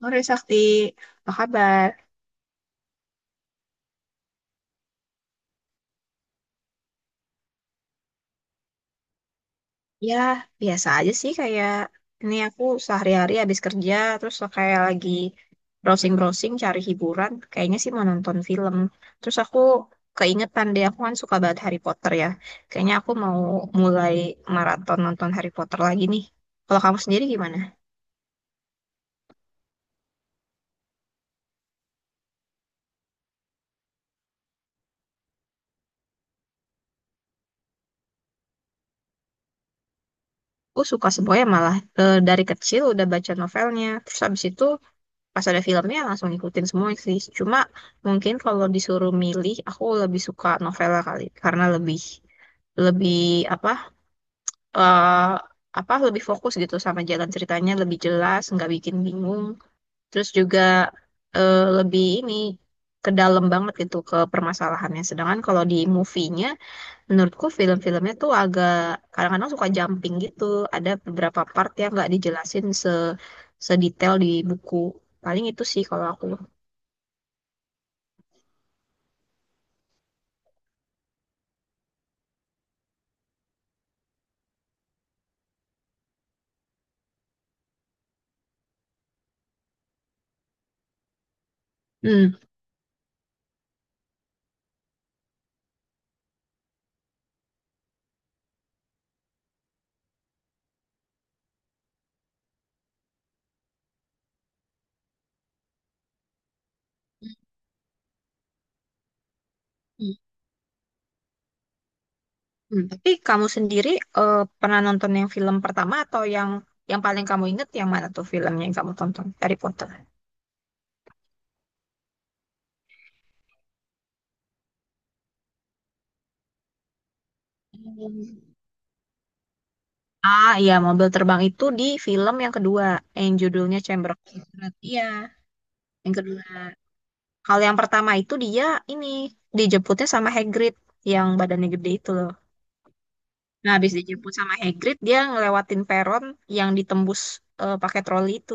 Sore Sakti, apa kabar? Ya, biasa aja sih kayak ini aku sehari-hari habis kerja terus kayak lagi browsing-browsing cari hiburan, kayaknya sih mau nonton film. Terus aku keingetan deh aku kan suka banget Harry Potter ya. Kayaknya aku mau mulai maraton nonton Harry Potter lagi nih. Kalau kamu sendiri gimana? Aku suka semuanya malah. Dari kecil udah baca novelnya. Terus habis itu pas ada filmnya langsung ngikutin semua sih. Cuma mungkin kalau disuruh milih, aku lebih suka novela kali karena lebih lebih apa eh apa lebih fokus gitu sama jalan ceritanya lebih jelas, nggak bikin bingung. Terus juga lebih ini ke dalam banget gitu ke permasalahannya. Sedangkan kalau di movie-nya, menurutku film-filmnya tuh agak kadang-kadang suka jumping gitu. Ada beberapa part yang nggak dijelasin sedetail di buku. Paling itu sih kalau aku. Hmm. Hmm. Hmm. Tapi kamu sendiri pernah nonton yang film pertama atau yang paling kamu ingat yang mana tuh filmnya yang kamu tonton Harry Potter? Hmm. Ah iya, mobil terbang itu di film yang kedua yang judulnya Chamber of Secrets. Iya, yang kedua. Kalau yang pertama itu dia ini dijemputnya sama Hagrid yang badannya gede itu loh. Nah habis dijemput sama Hagrid dia ngelewatin peron yang ditembus pakai troli itu.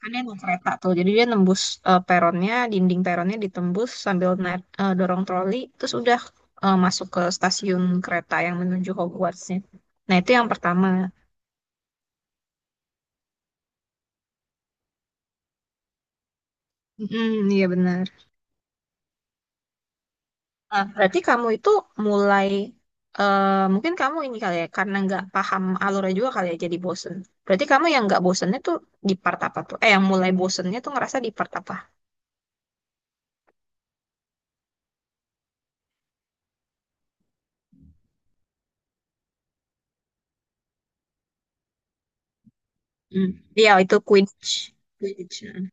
Kan dia naik kereta tuh jadi dia nembus eh, peronnya dinding peronnya ditembus sambil naik dorong troli terus udah masuk ke stasiun kereta yang menuju Hogwartsnya, nah itu yang pertama. Mm, iya benar. Nah, berarti kamu itu mulai mungkin kamu ini kali ya karena nggak paham alurnya juga kali ya jadi bosen, berarti kamu yang nggak bosennya tuh di part apa tuh yang mulai bosennya tuh ngerasa di part apa. Mm. Iya itu Quidditch. Quidditch, mm.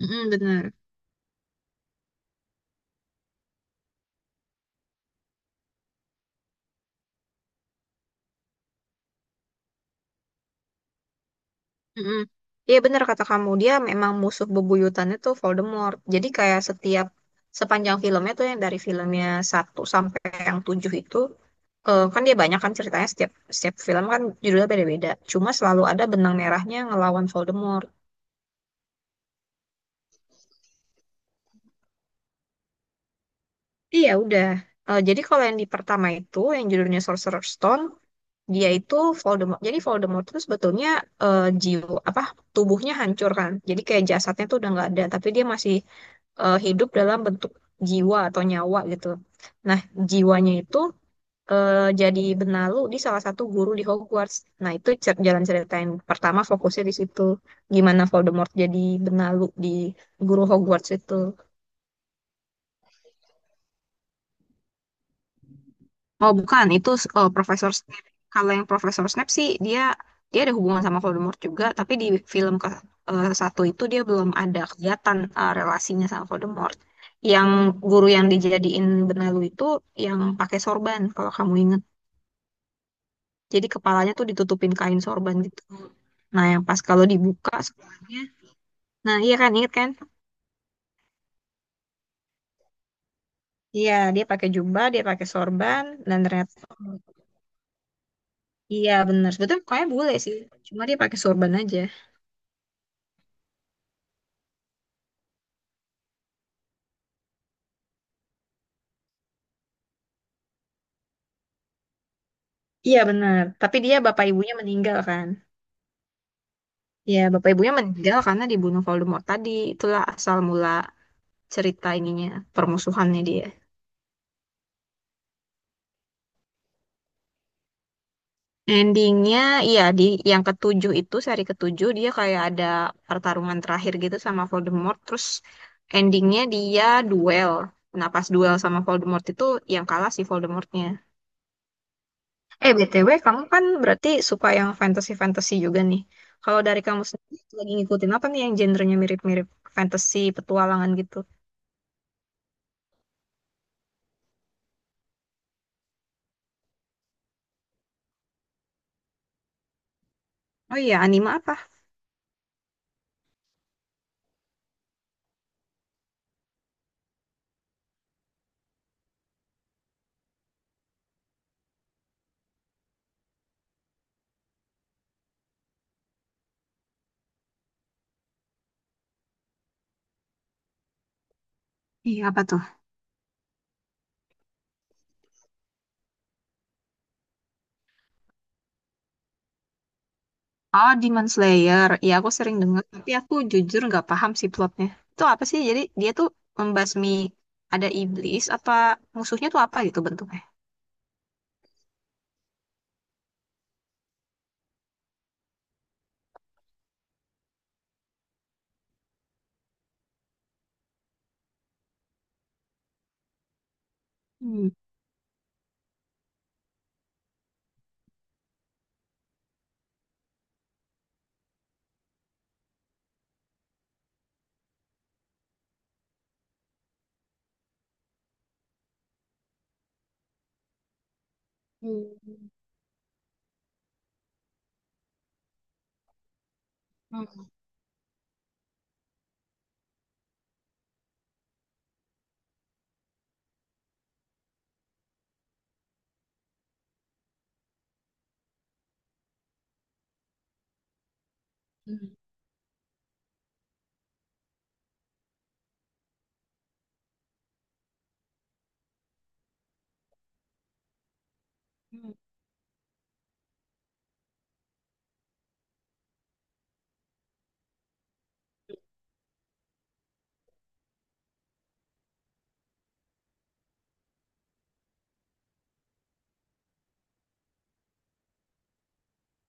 Mm, benar. Mm-mm. Iya benar kata kamu, dia memang musuh bebuyutannya tuh Voldemort. Jadi kayak setiap sepanjang filmnya tuh yang dari filmnya satu sampai yang tujuh itu, kan dia banyak kan ceritanya, setiap setiap film kan judulnya beda-beda. Cuma selalu ada benang merahnya ngelawan Voldemort. Iya udah. Jadi kalau yang di pertama itu yang judulnya Sorcerer's Stone, dia itu Voldemort. Jadi Voldemort itu sebetulnya jiwa apa tubuhnya hancur kan. Jadi kayak jasadnya tuh udah nggak ada, tapi dia masih hidup dalam bentuk jiwa atau nyawa gitu. Nah, jiwanya itu eh, jadi benalu di salah satu guru di Hogwarts. Nah, itu jalan cerita yang pertama fokusnya di situ. Gimana Voldemort jadi benalu di guru Hogwarts itu. Oh bukan, itu Profesor Snape. Kalau yang Profesor Snape sih, dia dia ada hubungan sama Voldemort juga, tapi di film ke satu itu dia belum ada kelihatan relasinya sama Voldemort. Yang guru yang dijadiin benalu itu yang pakai sorban kalau kamu ingat. Jadi kepalanya tuh ditutupin kain sorban gitu. Nah yang pas kalau dibuka sekolahnya, nah iya kan inget kan? Iya dia pakai jubah, dia pakai sorban dan ternyata iya benar. Sebetulnya mukanya bule sih, cuma dia pakai sorban aja. Iya benar, tapi dia bapak ibunya meninggal kan? Iya, bapak ibunya meninggal karena dibunuh Voldemort tadi. Itulah asal mula cerita ininya, permusuhannya dia. Endingnya, iya di yang ketujuh itu seri ketujuh dia kayak ada pertarungan terakhir gitu sama Voldemort. Terus endingnya dia duel. Nah pas duel sama Voldemort itu yang kalah si Voldemortnya. BTW, kamu kan berarti suka yang fantasy-fantasy juga nih. Kalau dari kamu sendiri lagi ngikutin apa nih yang genrenya mirip-mirip fantasy, petualangan gitu? Oh iya, anime apa? Iya, apa tuh? Oh, Demon Slayer. Iya, aku sering dengar, tapi aku jujur nggak paham sih plotnya. Itu apa sih? Jadi dia tuh membasmi, ada iblis apa musuhnya tuh apa gitu bentuknya? Hmm. Hmm. Hmm. Hmm. Hmm.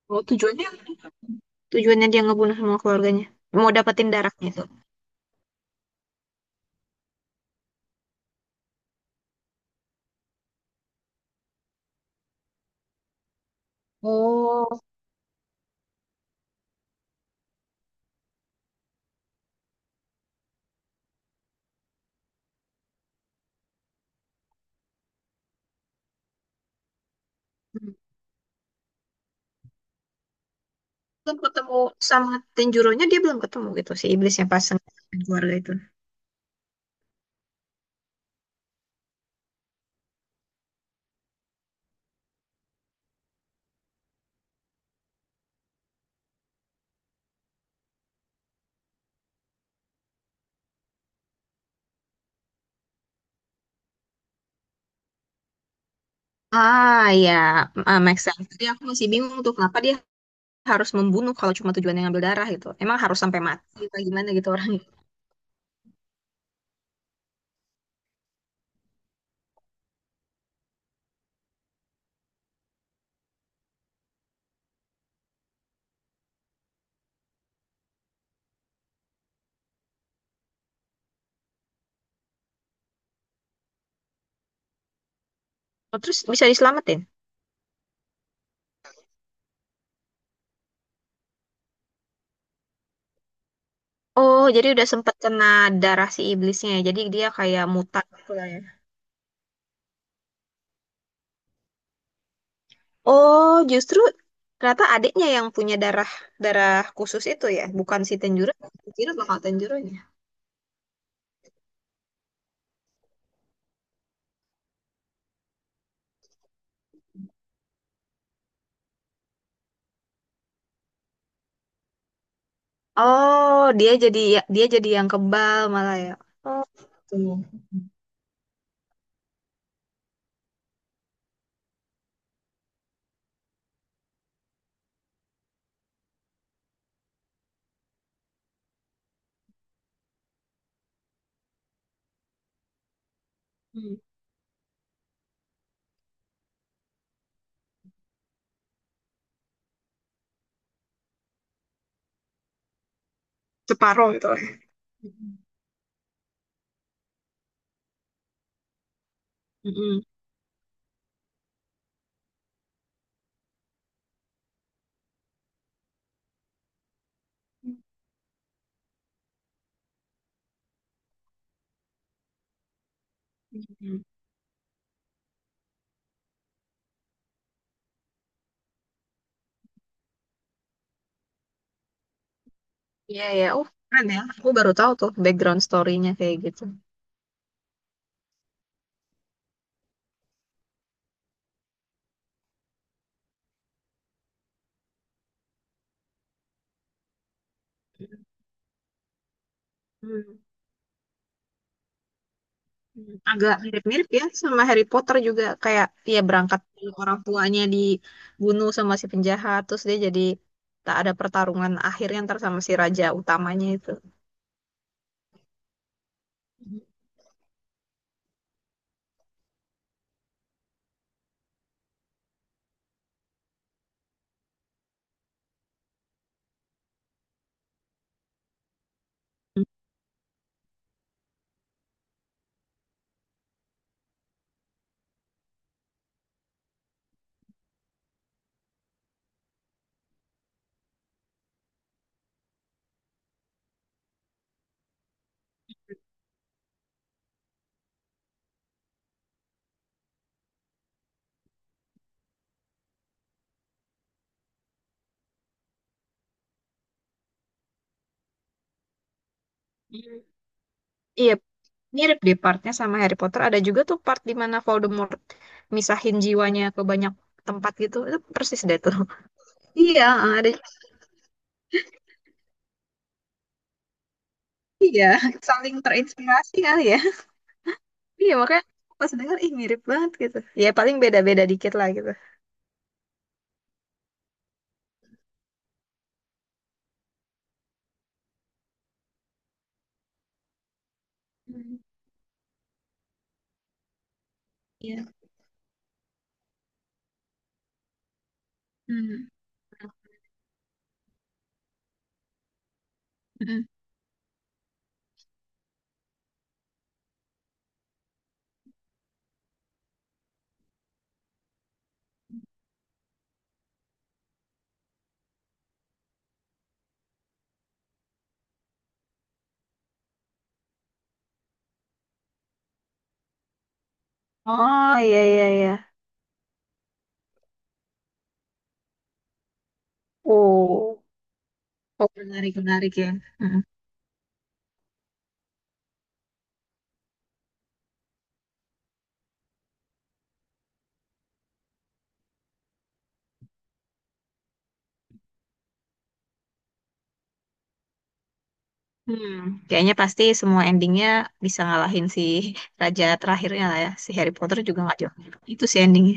Oh, tujuannya tujuannya dia ngebunuh semua keluarganya. Mau dapetin darahnya tuh. Oh. Belum ketemu sama Tenjironya, dia belum ketemu gitu si iblis yang pasang keluarga itu. Ah ya, ah, make sense. Jadi aku masih bingung tuh kenapa dia harus membunuh kalau cuma tujuannya ngambil darah gitu. Emang harus sampai mati apa gimana gitu orang itu. Oh, terus bisa diselamatin? Oh, jadi udah sempet kena darah si iblisnya ya. Jadi dia kayak mutan gitu lah ya. Oh, justru ternyata adiknya yang punya darah darah khusus itu ya, bukan si Tenjiro. Kira bakal Tenjironya. Oh, dia jadi ya, dia jadi yang kebal malah ya. Oh, gitu. Hmm. Separuh gitu lah. Mm-mm. Mm-mm. Iya ya, oh keren ya. Aku baru tahu tuh background story-nya kayak gitu. Hmm. Agak mirip-mirip ya sama Harry Potter juga, kayak dia berangkat dari orang tuanya dibunuh sama si penjahat, terus dia jadi tak ada pertarungan akhirnya ntar sama si raja utamanya itu. Mm. Iya, mirip deh partnya sama Harry Potter. Ada juga tuh part di mana Voldemort misahin jiwanya ke banyak tempat gitu. Itu persis deh tuh. Iya, ada iya, saling terinspirasi kali ya. Iya, makanya pas denger ih mirip banget gitu. Ya paling beda-beda dikit lah gitu. Hmm, iya. Hmm. Mm-mm. Oh, iya, iya, iya. Oh, oh, menarik menarik ya. Mm-mm. Hmm, kayaknya pasti semua endingnya bisa ngalahin si raja terakhirnya lah ya. Si Harry Potter juga nggak jauh. Itu si endingnya.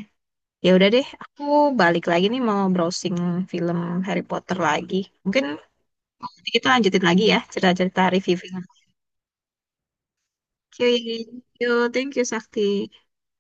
Ya udah deh, aku balik lagi nih mau browsing film Harry Potter lagi. Mungkin nanti kita lanjutin lagi ya cerita-cerita review film. Oke, yo, thank you Sakti.